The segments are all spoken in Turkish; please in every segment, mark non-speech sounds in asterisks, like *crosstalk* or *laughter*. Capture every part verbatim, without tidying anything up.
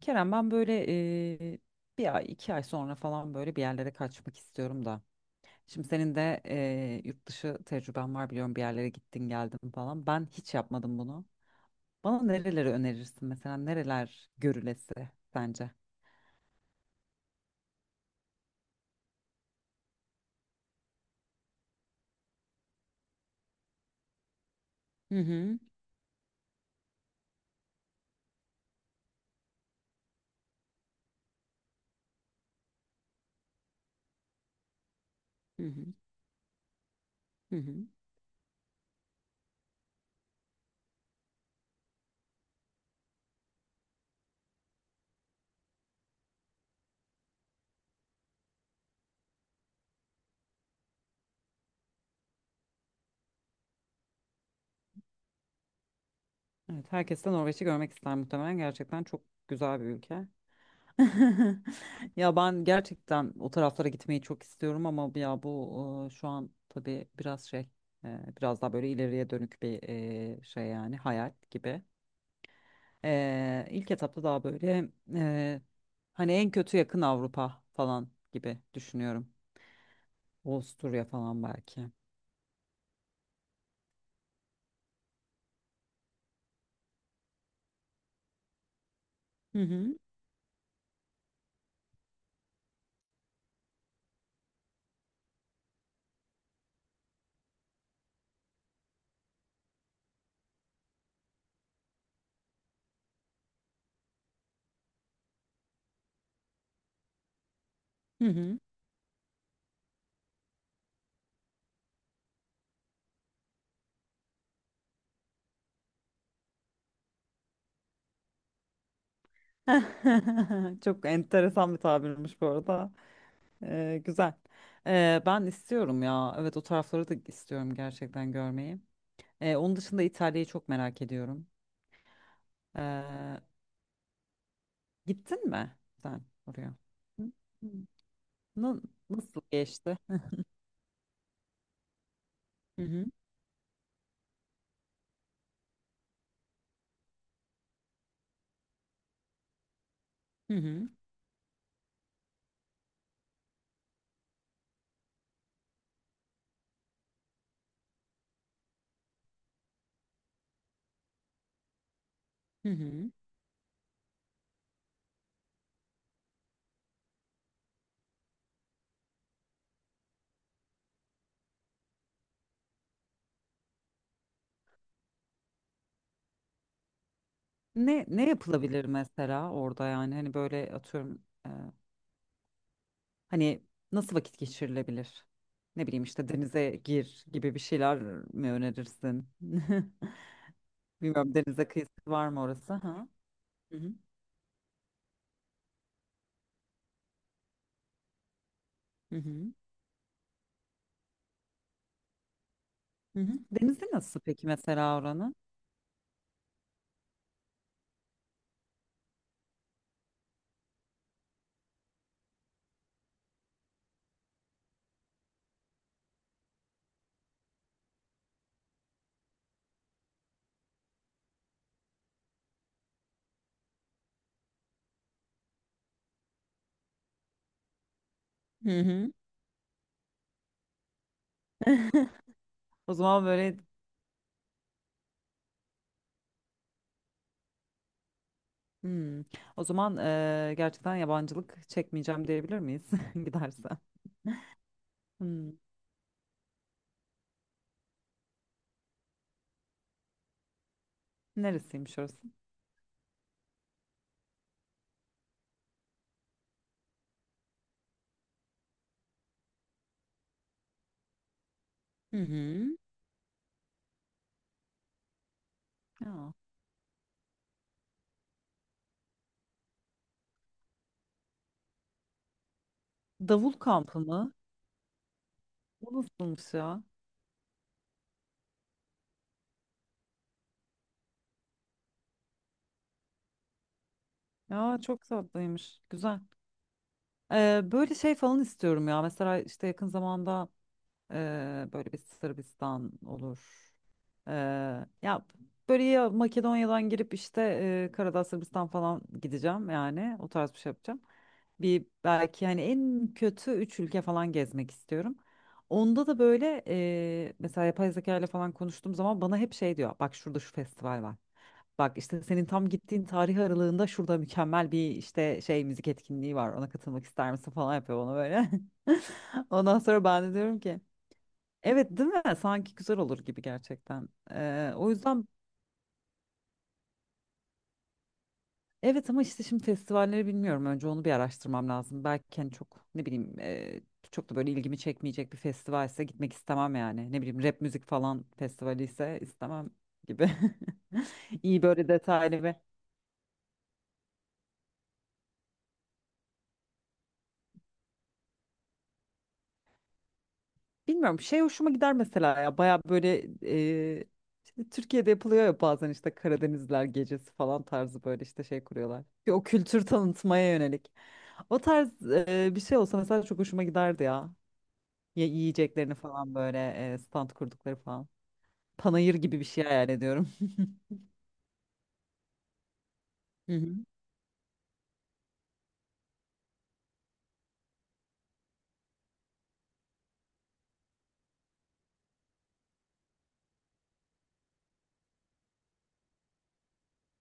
Kerem, ben böyle eee, bir ay iki ay sonra falan böyle bir yerlere kaçmak istiyorum da. Şimdi senin de eee, yurt dışı tecrüben var biliyorum, bir yerlere gittin geldin falan. Ben hiç yapmadım bunu. Bana nereleri önerirsin, mesela nereler görülesi sence? Hı hı. Hı hı. Hı hı. Evet, herkes de Norveç'i görmek ister muhtemelen, gerçekten çok güzel bir ülke. *laughs* Ya ben gerçekten o taraflara gitmeyi çok istiyorum ama ya bu e, şu an tabii biraz şey e, biraz daha böyle ileriye dönük bir e, şey, yani hayal gibi. E, ilk etapta daha böyle e, hani en kötü yakın Avrupa falan gibi düşünüyorum. Avusturya falan belki. Hı hı. Hı hı. *laughs* Çok enteresan bir tabirmiş bu arada. E, güzel. E, ben istiyorum ya. Evet, o tarafları da istiyorum gerçekten görmeyi. Ee, onun dışında İtalya'yı çok merak ediyorum. Ee, Gittin mi sen oraya? Hı. Hı. Na- Nasıl geçti? Hı hı. Hı hı. Hı hı. Ne ne yapılabilir mesela orada, yani hani böyle atıyorum, e, hani nasıl vakit geçirilebilir? Ne bileyim, işte denize gir gibi bir şeyler mi önerirsin? *laughs* Bilmiyorum, denize kıyısı var mı orası? Ha? Hı hı. Hı hı. Hı hı. Denizi nasıl peki mesela oranın? Hı hı. *laughs* O zaman böyle. Hmm. O zaman eee, gerçekten yabancılık çekmeyeceğim diyebilir miyiz *laughs* giderse? Hmm. Neresiymiş orası? Hı hı. Ya. Davul kampı mı? Bu nasılmış ya? Ya çok tatlıymış. Güzel. Eee, böyle şey falan istiyorum ya. Mesela işte yakın zamanda Eee, böyle bir Sırbistan olur. Eee, Ya böyle, ya Makedonya'dan girip işte eee Karadağ, Sırbistan falan gideceğim, yani o tarz bir şey yapacağım. Bir belki, hani en kötü üç ülke falan gezmek istiyorum. Onda da böyle eee, mesela yapay zeka ile falan konuştuğum zaman bana hep şey diyor. Bak şurada şu festival var. Bak işte senin tam gittiğin tarih aralığında şurada mükemmel bir işte şey müzik etkinliği var. Ona katılmak ister misin falan yapıyor bana böyle. *laughs* Ondan sonra ben de diyorum ki. Evet, değil mi? Sanki güzel olur gibi gerçekten. Ee, o yüzden evet, ama işte şimdi festivalleri bilmiyorum. Önce onu bir araştırmam lazım. Belki hani çok ne bileyim, e, çok da böyle ilgimi çekmeyecek bir festivalse gitmek istemem yani. Ne bileyim, rap müzik falan festivali ise istemem gibi. *laughs* İyi, böyle detaylı ve bilmiyorum, şey hoşuma gider mesela ya. Baya böyle e, işte Türkiye'de yapılıyor ya bazen, işte Karadenizler gecesi falan tarzı böyle işte şey kuruyorlar. Bir o kültür tanıtmaya yönelik. O tarz e, bir şey olsa mesela çok hoşuma giderdi ya. Ya yiyeceklerini falan böyle e, stand kurdukları falan. Panayır gibi bir şey hayal ediyorum. *laughs* Hı hı.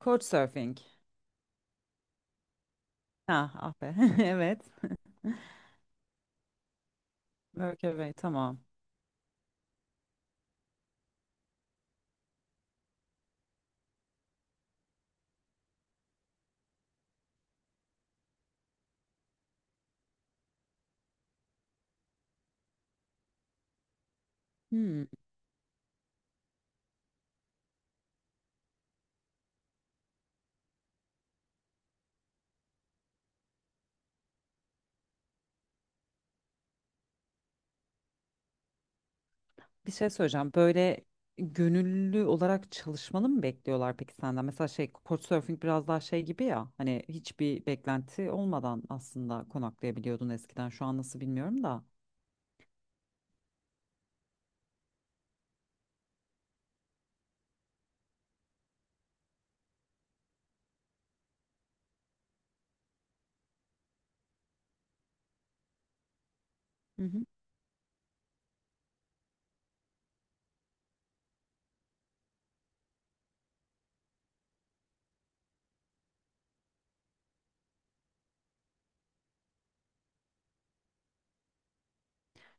Couchsurfing. Ha, ah be. *laughs* Evet. Workaway, tamam. Hmm. Bir şey söyleyeceğim. Böyle gönüllü olarak çalışmanı mı bekliyorlar peki senden? Mesela şey Couchsurfing biraz daha şey gibi ya. Hani hiçbir beklenti olmadan aslında konaklayabiliyordun eskiden. Şu an nasıl bilmiyorum da. Hı hı.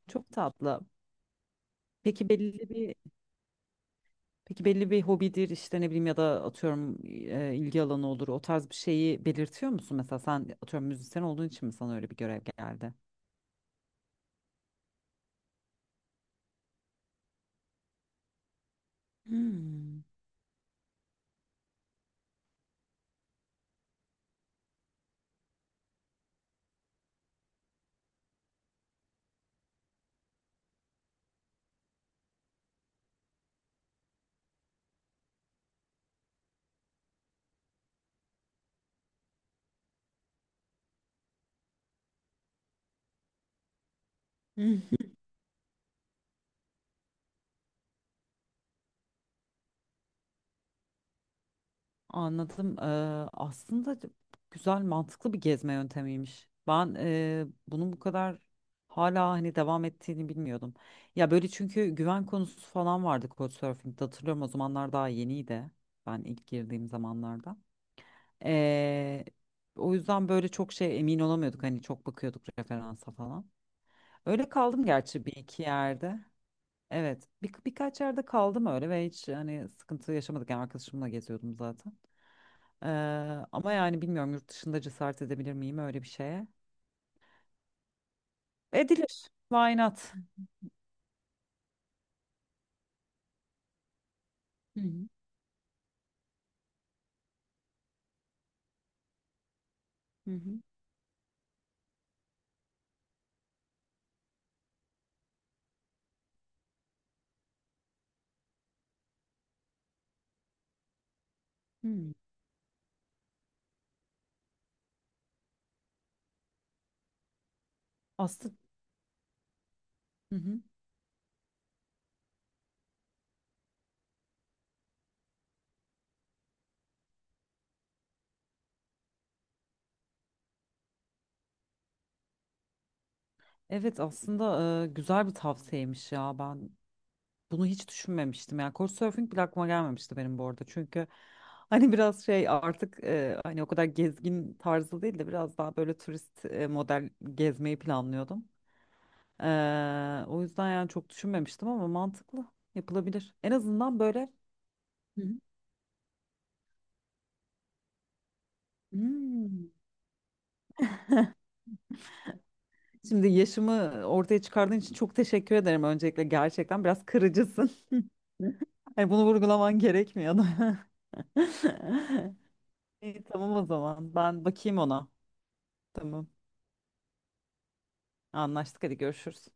Çok tatlı. Peki belli bir peki belli bir hobidir işte, ne bileyim, ya da atıyorum, e, ilgi alanı olur. O tarz bir şeyi belirtiyor musun? Mesela sen atıyorum müzisyen olduğun için mi sana öyle bir görev geldi? Hmm. *laughs* Anladım. Ee, aslında güzel, mantıklı bir gezme yöntemiymiş. Ben e, bunun bu kadar hala hani devam ettiğini bilmiyordum. Ya böyle, çünkü güven konusu falan vardı Couchsurfing'de, hatırlıyorum o zamanlar daha yeniydi. Ben ilk girdiğim zamanlarda. Ee, O yüzden böyle çok şey emin olamıyorduk, hani çok bakıyorduk referansa falan. Öyle kaldım gerçi bir iki yerde. Evet, bir, birkaç yerde kaldım öyle ve hiç hani sıkıntı yaşamadık. Yani arkadaşımla geziyordum zaten. Ee, Ama yani bilmiyorum, yurt dışında cesaret edebilir miyim öyle bir şeye? Edilir. Why not? Hı hı. Hmm. Aslında hı hı. Evet, aslında e, güzel bir tavsiyemiş ya. Ben bunu hiç düşünmemiştim. Yani Couchsurfing bile aklıma gelmemişti benim bu arada. Çünkü *laughs* hani biraz şey artık, e, hani o kadar gezgin tarzı değil de biraz daha böyle turist e, model gezmeyi planlıyordum. Ee, o yüzden yani çok düşünmemiştim ama mantıklı, yapılabilir. En azından böyle. Hı hı. Hmm. Şimdi yaşımı ortaya çıkardığın için çok teşekkür ederim öncelikle. Gerçekten biraz kırıcısın. *laughs* Hani bunu vurgulaman gerekmiyordu. *laughs* İyi, tamam o zaman. Ben bakayım ona. Tamam. Anlaştık. Hadi görüşürüz.